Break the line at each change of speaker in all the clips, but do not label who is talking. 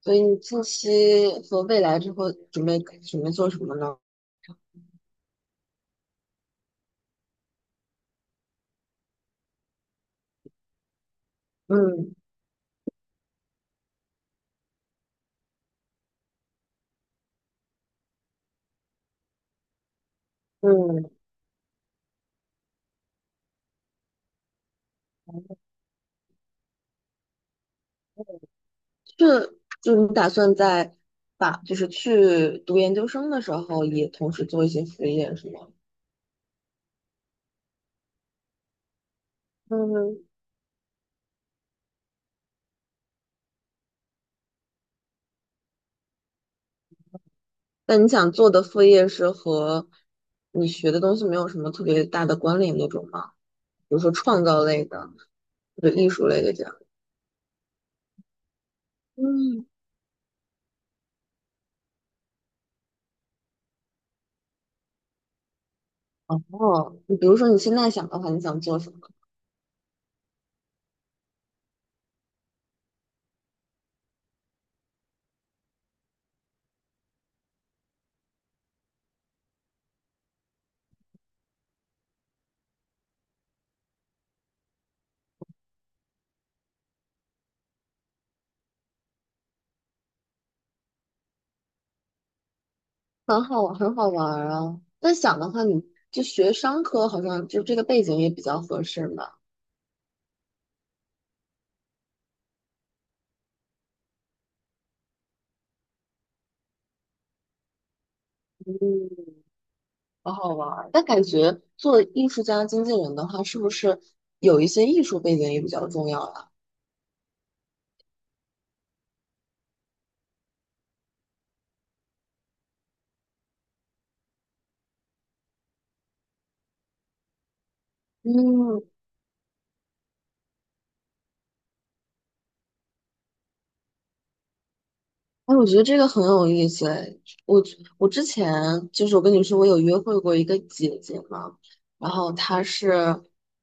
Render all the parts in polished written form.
所以你近期和未来之后准备做什么呢？嗯嗯，是，就你打算在把就是去读研究生的时候，也同时做一些副业是吗？嗯，那你想做的副业是和你学的东西没有什么特别大的关联那种吗？比如说创造类的或者艺术类的这样。嗯，哦，你比如说你现在想的话，你想做什么？很好玩，很好玩儿啊！但想的话，你就学商科，好像就这个背景也比较合适嘛。嗯，好好玩儿。但感觉做艺术家、经纪人的话，是不是有一些艺术背景也比较重要呀？嗯，哎，我觉得这个很有意思哎。我我之前就是我跟你说，我有约会过一个姐姐嘛，然后她是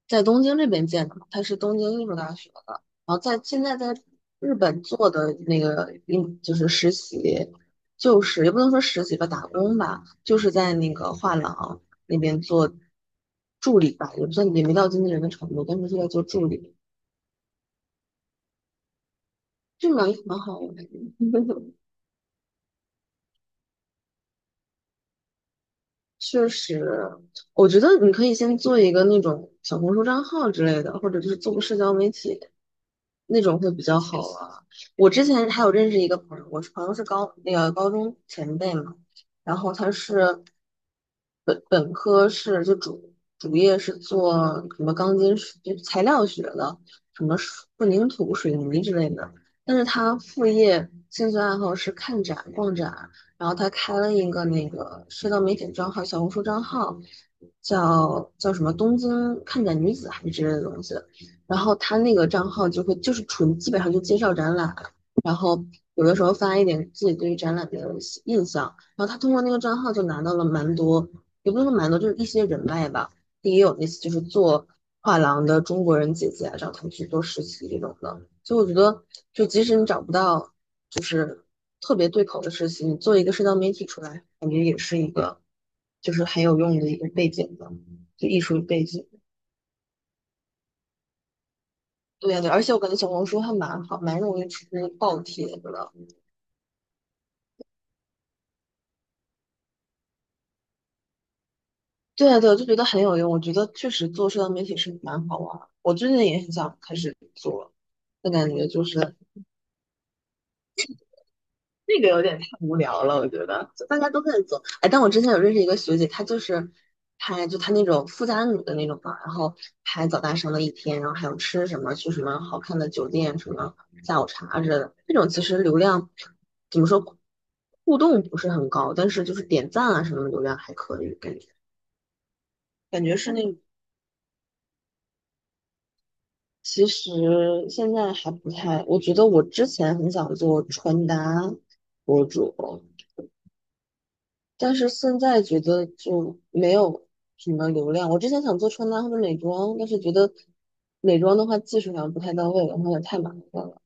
在东京这边见的嘛，她是东京艺术大学的，然后现在在日本做的那个就是实习，就是也不能说实习吧，打工吧，就是在那个画廊那边做助理吧，也不算也没到经纪人的程度，但是是在做助理，就蛮好玩的。确实，我觉得你可以先做一个那种小红书账号之类的，或者就是做个社交媒体，那种会比较好啊。我之前还有认识一个朋友，我朋友是高那个高中前辈嘛，然后他是本科是就主业是做什么钢筋水就材料学的，什么水混凝土、水泥之类的，但是他副业兴趣爱好是看展、逛展，然后他开了一个那个社交媒体账号、小红书账号，叫什么东京看展女子还是之类的东西。然后他那个账号就会就是纯基本上就介绍展览，然后有的时候发一点自己对于展览的印象，然后他通过那个账号就拿到了蛮多，也不能说蛮多，就是一些人脉吧，也有那些就是做画廊的中国人姐姐啊，找他们去做实习这种的，所以我觉得就即使你找不到就是特别对口的实习，你做一个社交媒体出来，感觉也是一个就是很有用的一个背景的，就艺术背景。对呀，对，而且我感觉小红书还蛮好，蛮容易出爆帖子的。对呀对，我就觉得很有用。我觉得确实做社交媒体是蛮好玩儿，我最近也很想开始做，但感觉就是那个有点太无聊了，我觉得就大家都在做。哎，但我之前有认识一个学姐，她就是拍就她那种富家女的那种吧，然后拍早大生的一天，然后还有吃什么，去什么好看的酒店，什么下午茶之类的。这种其实流量怎么说，互动不是很高，但是就是点赞啊什么的流量还可以，感觉感觉是那种。其实现在还不太，我觉得我之前很想做穿搭博主，但是现在觉得就没有什么流量。我之前想做穿搭或者美妆，但是觉得美妆的话技术上不太到位，然后也太麻烦了。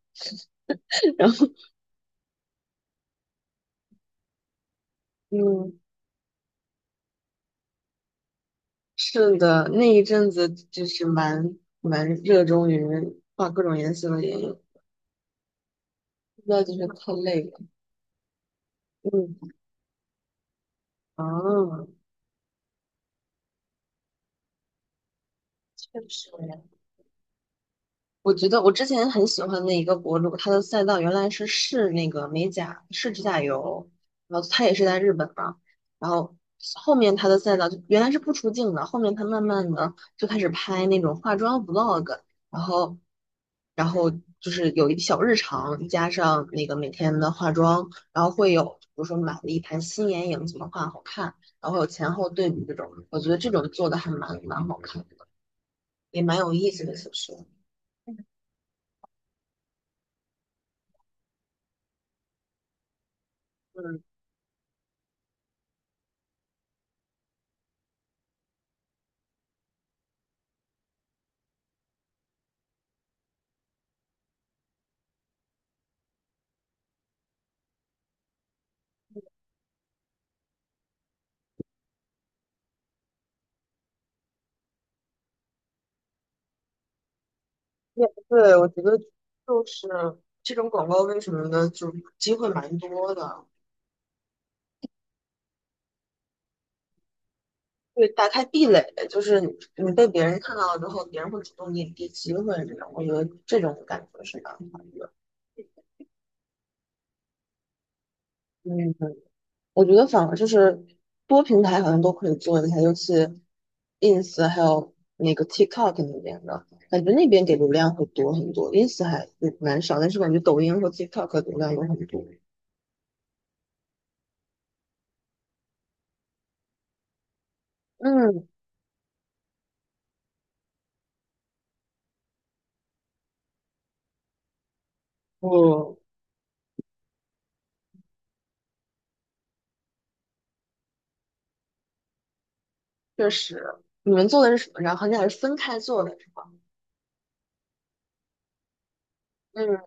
然后，嗯，是的，那一阵子就是蛮热衷于画各种颜色的眼影，现在就是太累了。嗯，啊，确实。我觉得我之前很喜欢的一个博主，他的赛道原来是试那个美甲，试指甲油，然后他也是在日本嘛，然后后面他的赛道就原来是不出镜的，后面他慢慢的就开始拍那种化妆 vlog,然后然后就是有一小日常，加上那个每天的化妆，然后会有比如说买了一盘新眼影怎么画好看，然后有前后对比这种，我觉得这种做的还蛮好看的，也蛮有意思的，其实。嗯。也不对，我觉得就是这种广告为什么呢？就是机会蛮多的，对，打开壁垒，就是你被别人看到了之后，别人会主动给你递机会这种，我觉得这种感觉是蛮好的。嗯，我觉得反而就是多平台好像都可以做一下，尤其 ins 还有那个 TikTok 那边的，感觉那边给流量会多很多，ins 还蛮少，但是感觉抖音和 TikTok 流量有很多。嗯，我确实，你们做的是什么？账号？你俩是分开做的是吧？嗯，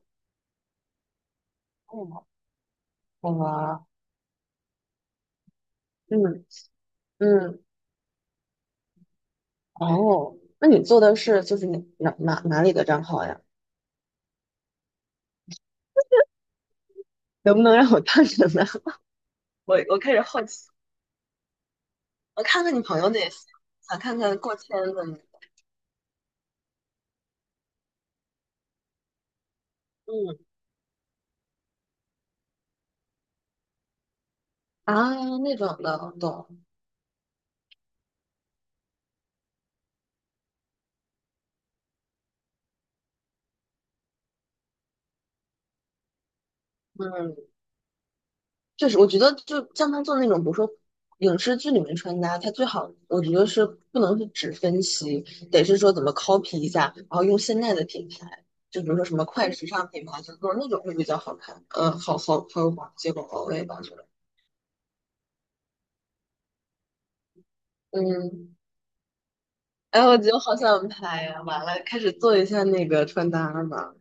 哦，我，嗯嗯，哦，那你做的是就是你哪里的账号呀？能不能让我看看呢？我开始好奇，我看看你朋友那些，想看看过千的，那那种的，懂，嗯。就是我觉得就像他做那种，比如说影视剧里面穿搭，他最好我觉得是不能是只分析，得是说怎么 copy 一下，然后用现在的品牌，就比如说什么快时尚品牌，就做那种会比较好看，嗯，好好好，有结果我也吧，我觉得。嗯，哎，我觉得好想拍呀、完了，开始做一下那个穿搭吧。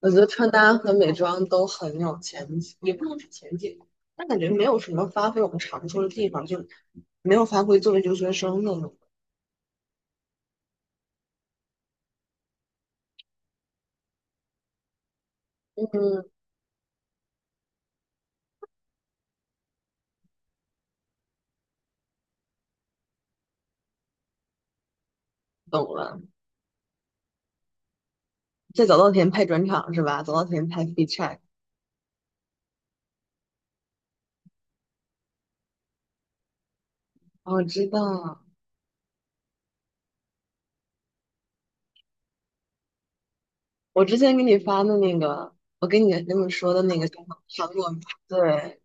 我觉得穿搭和美妆都很有前景，也不能是前景，但感觉没有什么发挥我们长处的地方，就没有发挥作为留学生的。嗯，懂了。在早稻田拍转场是吧？早稻田拍 f e e check。哦，我知道。我之前给你发的那个，我给你跟么说的那个叫什么糖果吗，对，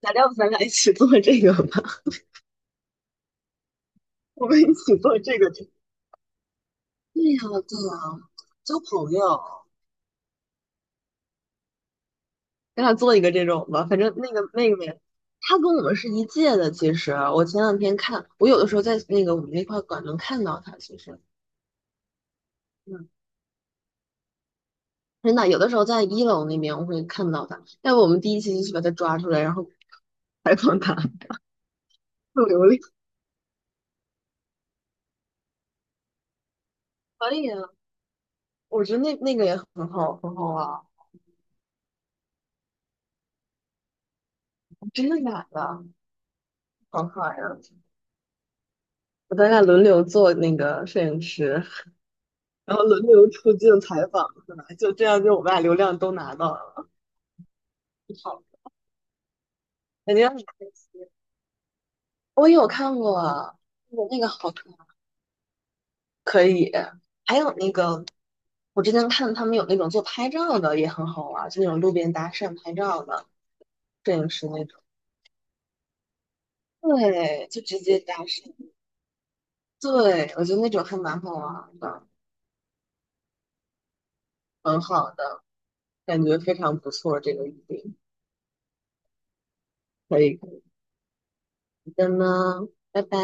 咱要不咱俩一起做这个吧？我们一起做这个。对呀，对呀，交朋友，咱俩做一个这种吧。反正那个妹妹，她跟我们是一届的。的其实，我前两天看，看有的时候在那个我们那块馆能看到她。嗯。真的，有的时候在一楼那边我会看到他，要不我们第一期就去把他抓出来，然后采访他，不流利。可以啊，我觉得那个也很好，很好啊。真的假的？好可爱啊！我咱俩轮流做那个摄影师，然后轮流出镜采访，是吧？就这样，就我们俩流量都拿到了。好，感觉很开心。我有看过那个那个好可可以。还有那个，我之前看他们有那种做拍照的，也很好玩儿就那种路边搭讪拍照的，摄影师那种。对，就直接搭讪。对，我觉得那种还蛮好玩儿的，很好的，感觉非常不错。这个预定可以，可以的呢，拜拜。